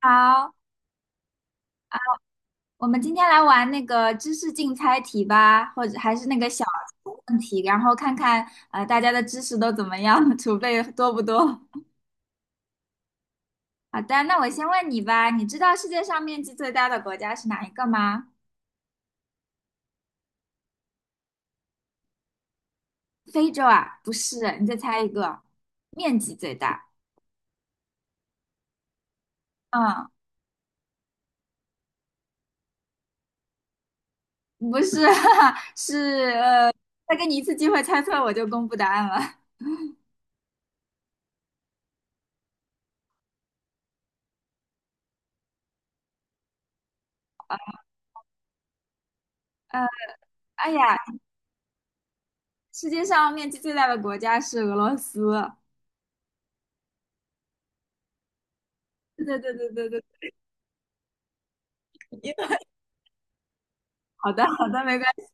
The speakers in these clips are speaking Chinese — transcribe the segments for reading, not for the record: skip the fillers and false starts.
好，我们今天来玩那个知识竞猜题吧，或者还是那个小问题，然后看看大家的知识都怎么样，储备多不多。好的，那我先问你吧，你知道世界上面积最大的国家是哪一个吗？非洲啊？不是，你再猜一个，面积最大。嗯，不是，是再给你一次机会猜错我就公布答案了。呃，哎呀，世界上面积最大的国家是俄罗斯。对对对对对对，好的好的，没关系。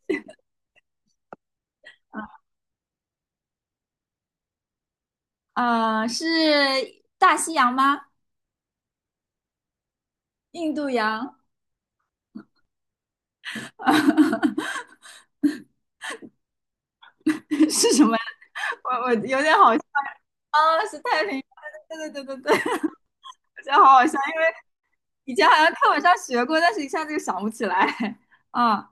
啊、是大西洋吗？印度洋？是什么？我有点好笑哦，是太平洋。对对对对对，我觉得好好笑，因为以前好像课本上学过，但是一下子就想不起来。嗯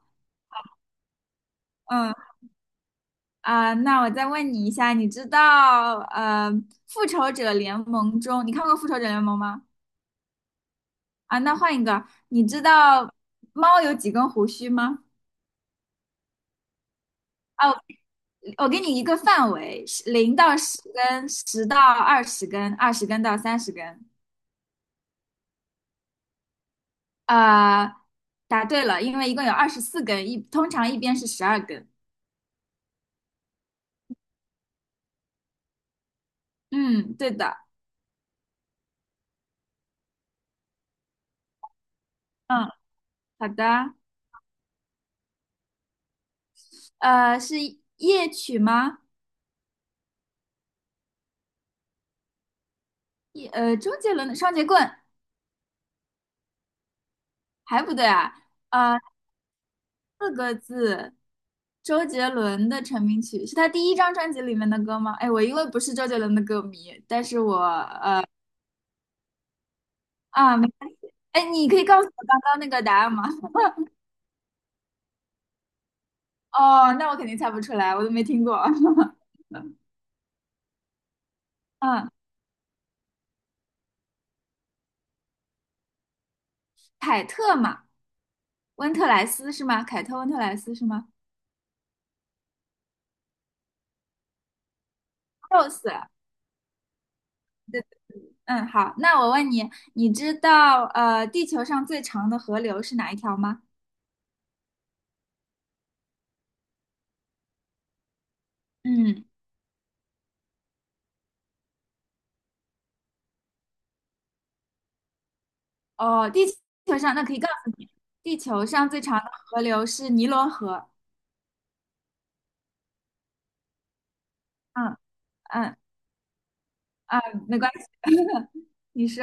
嗯啊、那我再问你一下，你知道《复仇者联盟》中，你看过《复仇者联盟》吗？啊，那换一个，你知道猫有几根胡须吗？啊。我给你一个范围，零到十根，十到二十根，二十根到30根。呃，答对了，因为一共有24根，通常一边是12根。嗯，对的。嗯，好的。是夜曲吗？周杰伦的《双截棍》还不对啊。呃，四个字，周杰伦的成名曲是他第一张专辑里面的歌吗？哎，我因为不是周杰伦的歌迷，但是我。啊，没关系。哎，你可以告诉我刚刚那个答案吗？哦，那我肯定猜不出来，我都没听过。嗯，凯特嘛，温特莱斯是吗？凯特温特莱斯是吗？Rose。嗯，好，那我问你，你知道地球上最长的河流是哪一条吗？嗯，哦，地球上那可以告诉你，地球上最长的河流是尼罗河。嗯嗯啊，没关系，你说。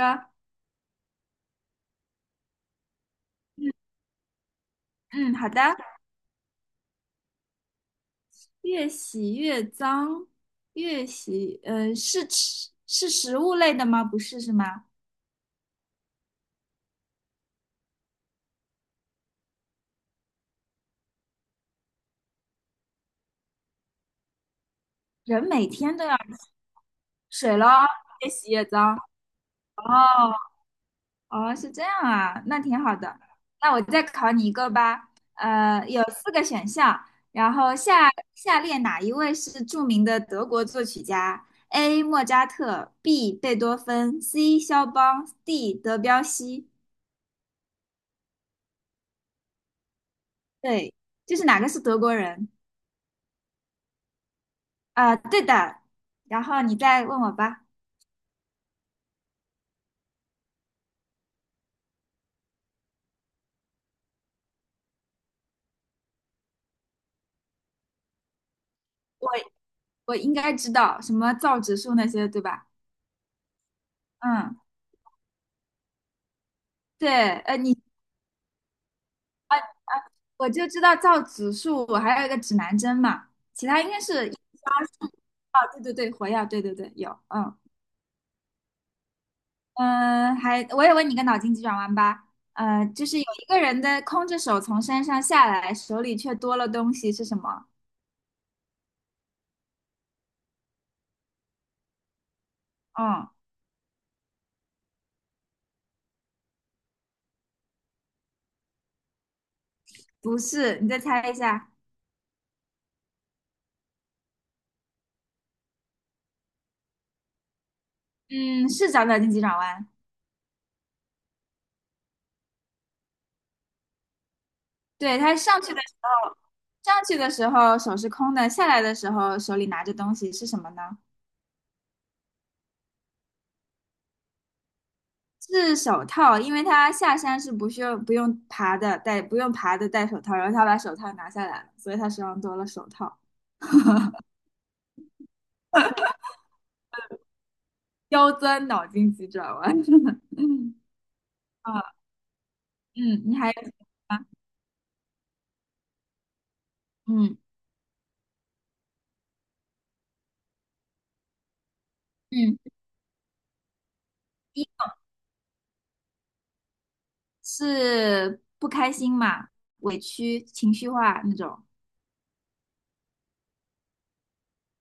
嗯嗯，好的。越洗越脏，越洗，是吃是食物类的吗？不是是吗？人每天都要水咯，越洗越脏。哦哦，是这样啊，那挺好的。那我再考你一个吧，有四个选项，然后下列哪一位是著名的德国作曲家？A. 莫扎特，B. 贝多芬，C. 肖邦，D. 德彪西。对，就是哪个是德国人？啊，对的。然后你再问我吧，我我应该知道什么造纸术那些，对吧？嗯，对，你啊，我就知道造指数，还有一个指南针嘛，其他应该是啊，对对对，火药，对对对，有，嗯嗯，还我也问你个脑筋急转弯吧，就是有一个人的空着手从山上下来，手里却多了东西是什么？嗯，不是，你再猜一下，嗯，是找脑筋急转弯。对，他上去的时候手是空的，下来的时候手里拿着东西是什么呢？是手套，因为他下山是不需要不用爬的，戴不用爬的戴手套，然后他把手套拿下来了，所以他手上多了手套。刁钻脑筋急转弯，嗯啊，嗯，你还有吗？嗯嗯，一是不开心嘛，委屈、情绪化那种。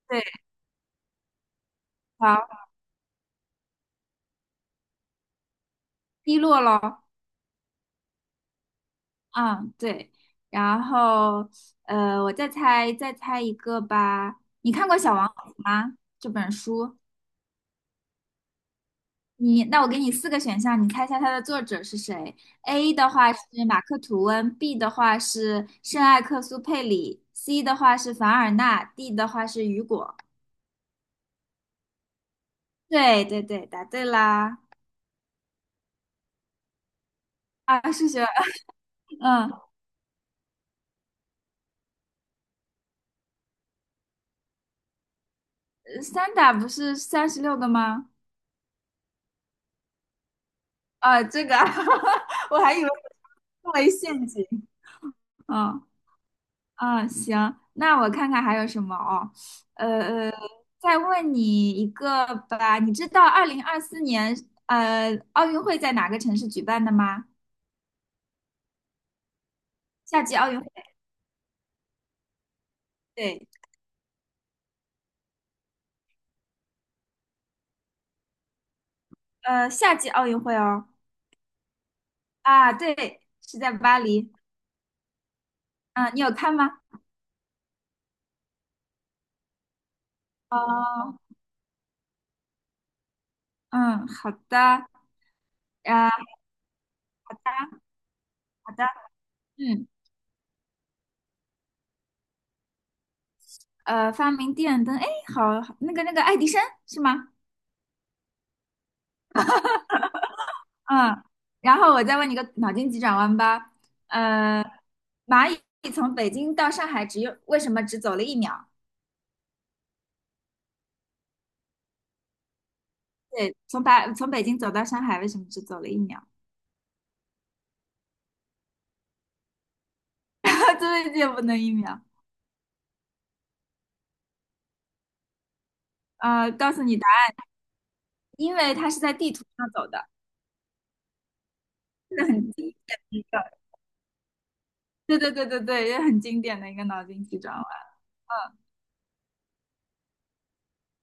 对，好，低落咯，嗯，对，然后我再猜一个吧。你看过《小王子》吗？这本书？那我给你四个选项，你猜一下它的作者是谁？A 的话是马克·吐温，B 的话是圣埃克苏佩里，C 的话是凡尔纳，D 的话是雨果。对对对，答对啦！啊，数学，嗯，三打不是36个吗？啊，这个啊，我还以为我中了一陷阱。嗯。嗯，行，那我看看还有什么哦，呃，再问你一个吧，你知道2024年奥运会在哪个城市举办的吗？夏季奥运会，对，夏季奥运会哦，啊，对，是在巴黎，嗯，你有看吗？哦，嗯，好的，啊，好的，好的，嗯，发明电灯，哎，好好那个爱迪生是吗？嗯，然后我再问你个脑筋急转弯吧。蚂蚁从北京到上海为什么只走了一秒？对，从北京走到上海为什么只走了一秒？对的不能一秒。啊！告诉你答案，因为它是在地图上走的，这是很经典的一个，对对对对对，也很经典的一个脑筋急转弯。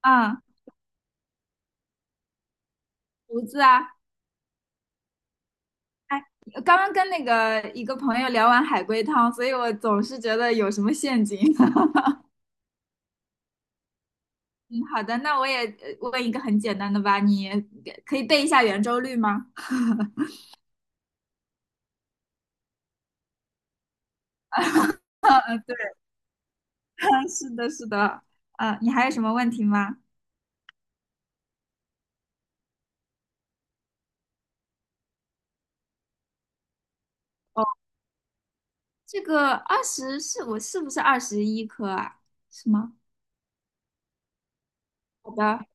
啊，胡子啊，哎，刚刚跟那个一个朋友聊完海龟汤，所以我总是觉得有什么陷阱。嗯，好的，那我也问一个很简单的吧，你可以背一下圆周率吗？对。啊，是的，是的，你还有什么问题吗？哦，这个二十是我是不是21颗啊？是吗？好的，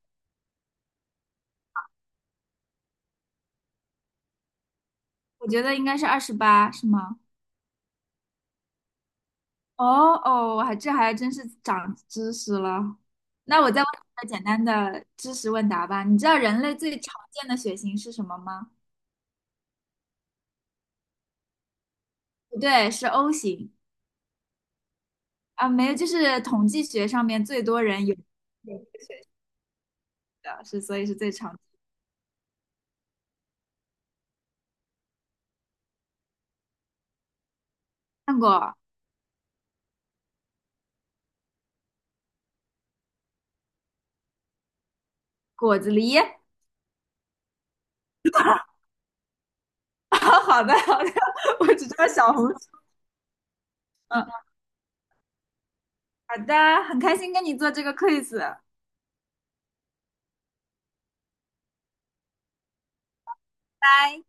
我觉得应该是28，是吗？哦哦，我还真是长知识了。那我再问一个简单的知识问答吧。你知道人类最常见的血型是什么吗？不对，是 O 型啊，没有，就是统计学上面最多人有的是，所以是最常见。看过果子狸。好好的好的，我只知道小红书。嗯，好的，很开心跟你做这个 quiz，拜。